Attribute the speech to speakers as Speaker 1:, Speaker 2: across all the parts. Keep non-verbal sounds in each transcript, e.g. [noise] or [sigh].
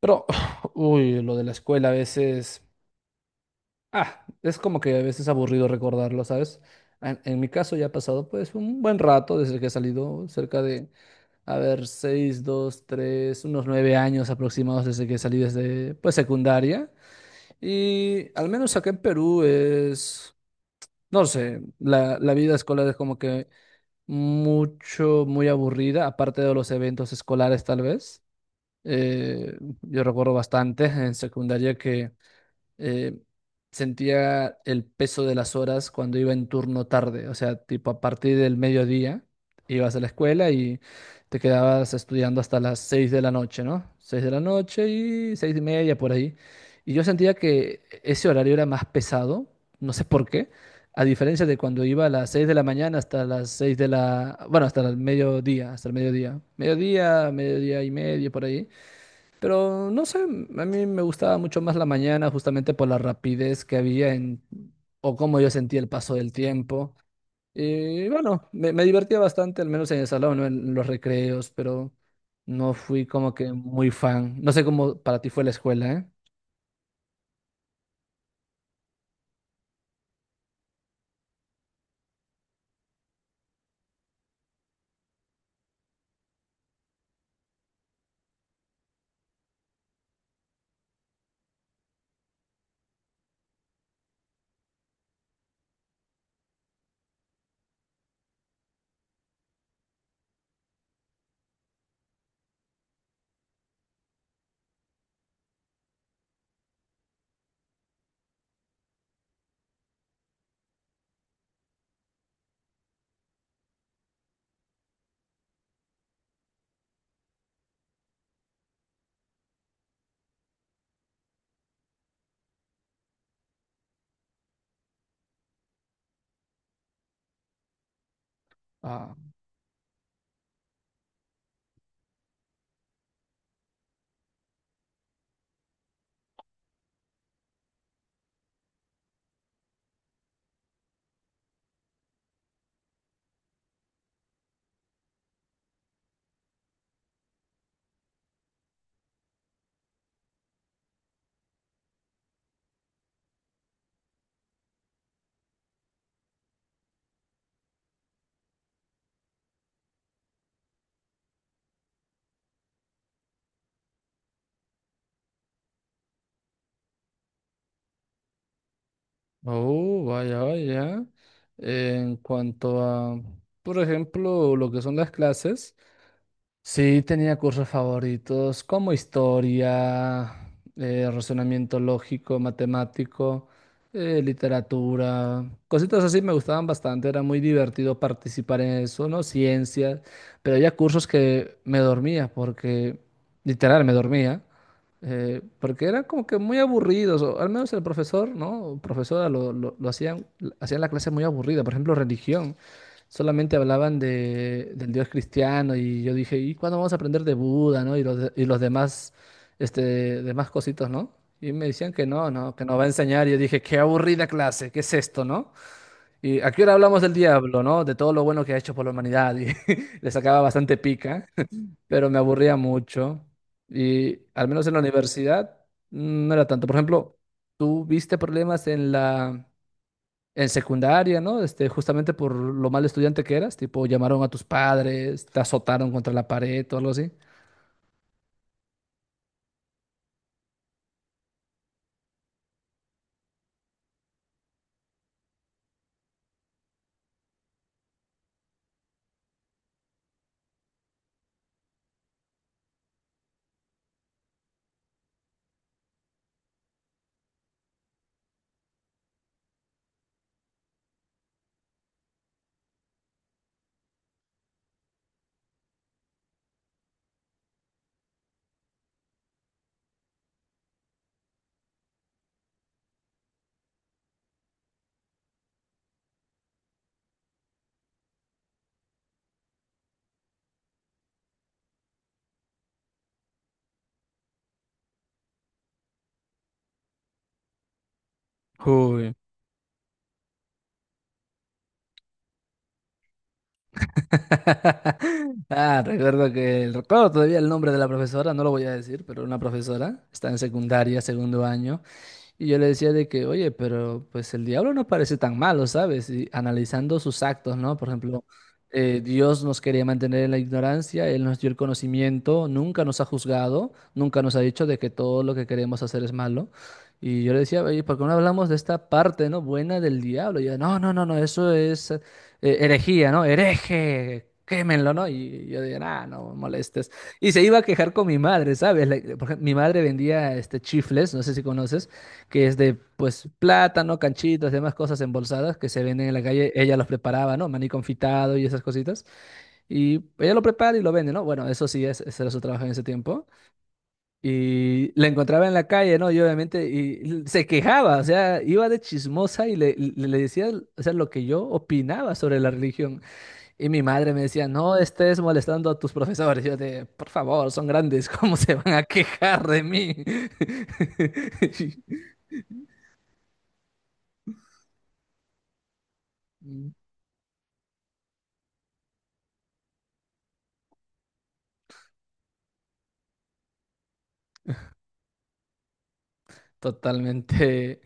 Speaker 1: Pero, [sighs] uy, lo de la escuela a veces, es como que a veces aburrido recordarlo, ¿sabes? En mi caso ya ha pasado pues un buen rato desde que he salido, cerca de, a ver, seis, dos, tres, unos 9 años aproximados desde que salí desde pues secundaria. Y al menos acá en Perú es, no sé, la vida escolar es como que mucho, muy aburrida, aparte de los eventos escolares tal vez. Eh, yo recuerdo bastante en secundaria que eh, sentía el peso de las horas cuando iba en turno tarde, o sea, tipo a partir del mediodía ibas a la escuela y te quedabas estudiando hasta las 6 de la noche, ¿no? 6 de la noche y 6 y media por ahí. Y yo sentía que ese horario era más pesado, no sé por qué, a diferencia de cuando iba a las 6 de la mañana hasta las 6 de la, bueno, hasta el mediodía, mediodía, mediodía y medio por ahí. Pero no sé, a mí me gustaba mucho más la mañana justamente por la rapidez que había en, o cómo yo sentía el paso del tiempo. Y bueno, me divertía bastante, al menos en el salón, ¿no? En los recreos, pero no fui como que muy fan. No sé cómo para ti fue la escuela, ¿eh? Ah, oh, vaya, vaya. En cuanto a, por ejemplo, lo que son las clases. Sí, tenía cursos favoritos como historia, razonamiento lógico, matemático, literatura, cositas así me gustaban bastante, era muy divertido participar en eso, ¿no? Ciencias, pero había cursos que me dormía porque, literal, me dormía, porque eran como que muy aburridos, o al menos el profesor, ¿no? O profesora lo hacían la clase muy aburrida, por ejemplo, religión solamente hablaban de, del Dios cristiano y yo dije, ¿y cuándo vamos a aprender de Buda, ¿no? Y los, y los demás, este, demás cositos, ¿no? Y me decían que no, no, que nos va a enseñar. Y yo dije, qué aburrida clase, ¿qué es esto, no? Y a qué hora hablamos del diablo, ¿no? De todo lo bueno que ha hecho por la humanidad. Y [laughs] le sacaba bastante pica, [laughs] pero me aburría mucho. Y al menos en la universidad mm, no era tanto. Por ejemplo, ¿tú viste problemas en la, en secundaria, ¿no? Este, justamente por lo mal estudiante que eras, tipo, llamaron a tus padres, te azotaron contra la pared o algo así. Uy, [laughs] ah, recuerdo que recuerdo todavía el nombre de la profesora, no lo voy a decir, pero una profesora está en secundaria, segundo año. Y yo le decía de que, oye, pero pues el diablo no parece tan malo, ¿sabes? Y analizando sus actos, ¿no? Por ejemplo, Dios nos quería mantener en la ignorancia, Él nos dio el conocimiento, nunca nos ha juzgado, nunca nos ha dicho de que todo lo que queremos hacer es malo. Y yo le decía, oye, ¿por qué no hablamos de esta parte, ¿no? Buena del diablo. Y yo, no, no, no, no, eso es herejía, ¿no? Hereje. Quémenlo, ¿no? Y yo decía, ah, no me molestes. Y se iba a quejar con mi madre, ¿sabes? Like, por ejemplo, mi madre vendía este, chifles, no sé si conoces que es de pues plátano, canchitas, demás cosas embolsadas que se venden en la calle. Ella los preparaba, ¿no? Maní confitado y esas cositas. Y ella lo prepara y lo vende, ¿no? Bueno, eso sí, es, ese era su trabajo en ese tiempo. Y la encontraba en la calle, ¿no? Y obviamente y se quejaba, o sea, iba de chismosa y le, le decía, o sea, lo que yo opinaba sobre la religión. Y mi madre me decía, no estés molestando a tus profesores. Yo de, por favor, son grandes, [laughs] ¿cómo se van a quejar de mí? [laughs] Totalmente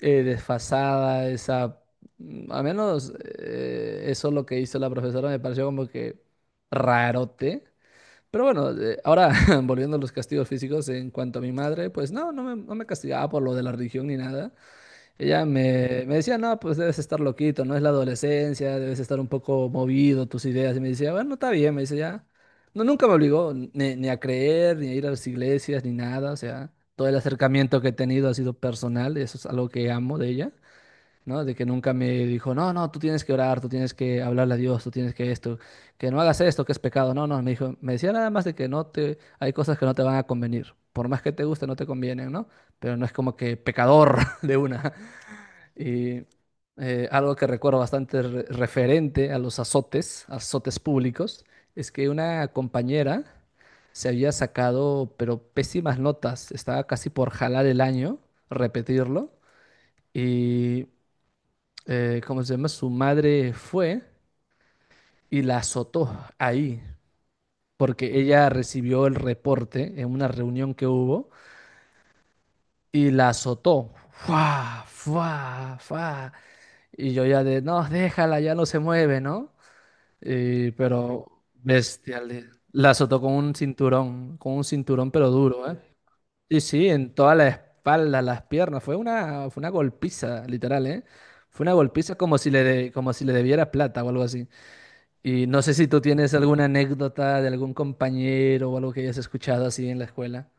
Speaker 1: desfasada, esa, mm, a menos eso lo que hizo la profesora me pareció como que rarote. Pero bueno, ahora [laughs] volviendo a los castigos físicos, en cuanto a mi madre, pues no, no me castigaba por lo de la religión ni nada. Ella me, me decía, no, pues debes estar loquito, no es la adolescencia, debes estar un poco movido tus ideas. Y me decía, bueno, está bien, me dice, ya. No, nunca me obligó ni a creer, ni a ir a las iglesias, ni nada. O sea, todo el acercamiento que he tenido ha sido personal, y eso es algo que amo de ella, ¿no? De que nunca me dijo, no, no, tú tienes que orar, tú tienes que hablarle a Dios, tú tienes que esto, que no hagas esto, que es pecado. No, no, me dijo, me decía nada más de que no te, hay cosas que no te van a convenir. Por más que te guste, no te convienen, ¿no? Pero no es como que pecador [laughs] de una. Y algo que recuerdo bastante referente a los azotes, azotes públicos, es que una compañera se había sacado, pero pésimas notas, estaba casi por jalar el año, repetirlo, y, ¿cómo se llama? Su madre fue y la azotó ahí, porque ella recibió el reporte en una reunión que hubo y la azotó. ¡Fua! ¡Fua! ¡Fua! Y yo ya de, no, déjala, ya no se mueve, ¿no? Pero bestial. La azotó con un cinturón pero duro, ¿eh? Sí, sí, en toda la espalda, las piernas. Fue una golpiza, literal, ¿eh? Fue una golpiza como si le, como si le debiera plata o algo así. Y no sé si tú tienes alguna anécdota de algún compañero o algo que hayas escuchado así en la escuela.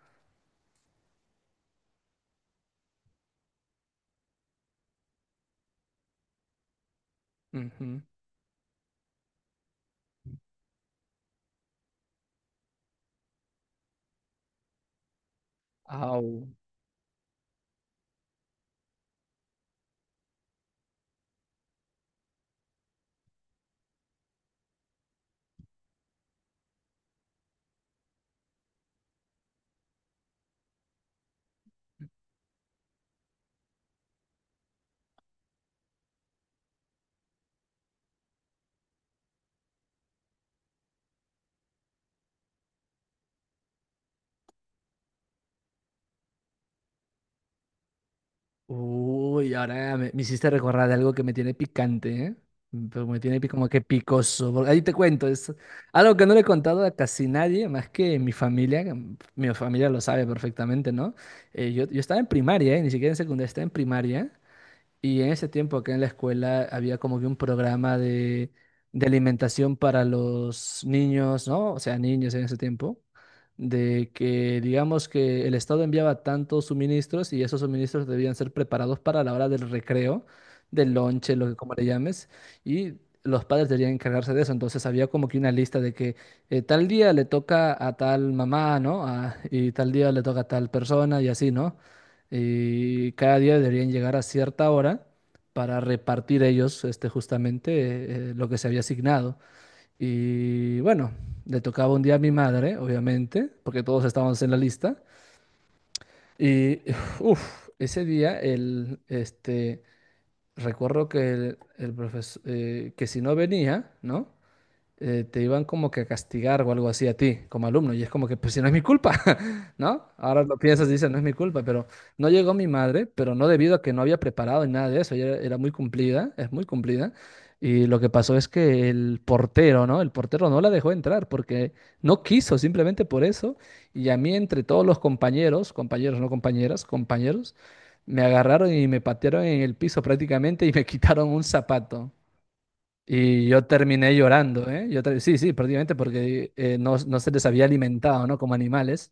Speaker 1: Ujú. Au. Uy, ahora me hiciste recordar de algo que me tiene picante, ¿eh? Mm, pero me tiene como que picoso. Porque ahí te cuento, es algo que no le he contado a casi nadie, más que mi familia. Que mm, mi familia lo sabe perfectamente, ¿no? Yo estaba en primaria, ¿eh? Ni siquiera en secundaria, estaba en primaria. Y en ese tiempo acá en la escuela había como que un programa de alimentación para los niños, ¿no? O sea, niños en ese tiempo, de que digamos que el Estado enviaba tantos suministros y esos suministros debían ser preparados para la hora del recreo, del lonche, lo que como le llames, y los padres debían encargarse de eso. Entonces había como que una lista de que tal día le toca a tal mamá, ¿no? Y tal día le toca a tal persona y así, ¿no? Y cada día deberían llegar a cierta hora para repartir ellos este, justamente lo que se había asignado. Y bueno, le tocaba un día a mi madre, obviamente, porque todos estábamos en la lista. Y [laughs] uff, ese día el, este, recuerdo que el profesor, que si no venía, ¿no? Te iban como que a castigar o algo así a ti como alumno. Y es como que, pues si no es mi culpa, [laughs] ¿no? Ahora lo piensas y dices, no es mi culpa, pero no llegó mi madre, pero no debido a que no había preparado ni nada de eso. Ella era, era muy cumplida, es muy cumplida. Y lo que pasó es que el portero, ¿no? El portero no la dejó entrar porque no quiso, simplemente por eso. Y a mí, entre todos los compañeros, compañeros, no compañeras, compañeros, me agarraron y me patearon en el piso prácticamente y me [laughs] quitaron un zapato. Y yo terminé llorando, ¿eh? Yo sí, sí, prácticamente porque no, no se les había alimentado, ¿no? Como animales.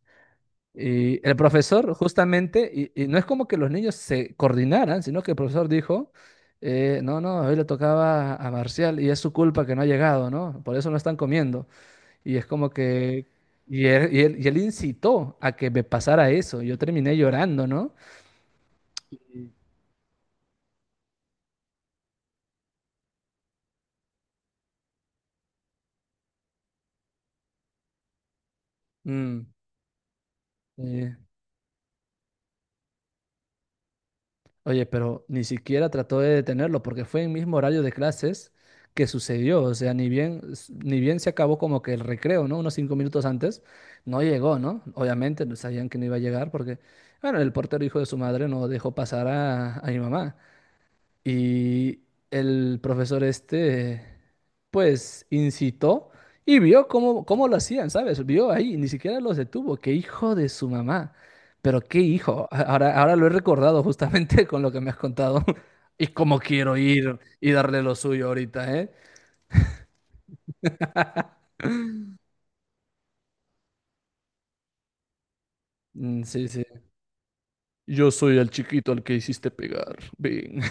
Speaker 1: Y el profesor justamente, y no es como que los niños se coordinaran, sino que el profesor dijo, no, no, hoy le tocaba a Marcial y es su culpa que no ha llegado, ¿no? Por eso no están comiendo. Y es como que, y él incitó a que me pasara eso. Yo terminé llorando, ¿no? Mm, sí. Oye, pero ni siquiera trató de detenerlo porque fue en mismo horario de clases que sucedió. O sea, ni bien, ni bien se acabó como que el recreo, ¿no? Unos 5 minutos antes, no llegó, ¿no? Obviamente no sabían que no iba a llegar porque, bueno, el portero hijo de su madre no dejó pasar a mi mamá. Y el profesor este, pues, incitó y vio cómo lo hacían, ¿sabes? Vio ahí, ni siquiera los detuvo. Qué hijo de su mamá. Pero qué hijo. Ahora, ahora lo he recordado justamente [laughs] con lo que me has contado. [laughs] Y cómo quiero ir y darle lo suyo ahorita, ¿eh? Mm, sí, sí. Yo soy el chiquito al que hiciste pegar. Ven.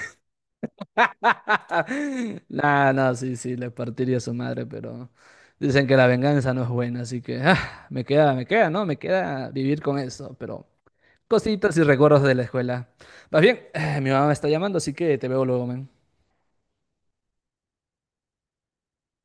Speaker 1: [laughs] No, no, sí, sí, le partiría a su madre, pero dicen que la venganza no es buena, así que ah, me queda, ¿no? Me queda vivir con eso, pero cositas y recuerdos de la escuela. Más bien, mi mamá me está llamando, así que te veo luego, man.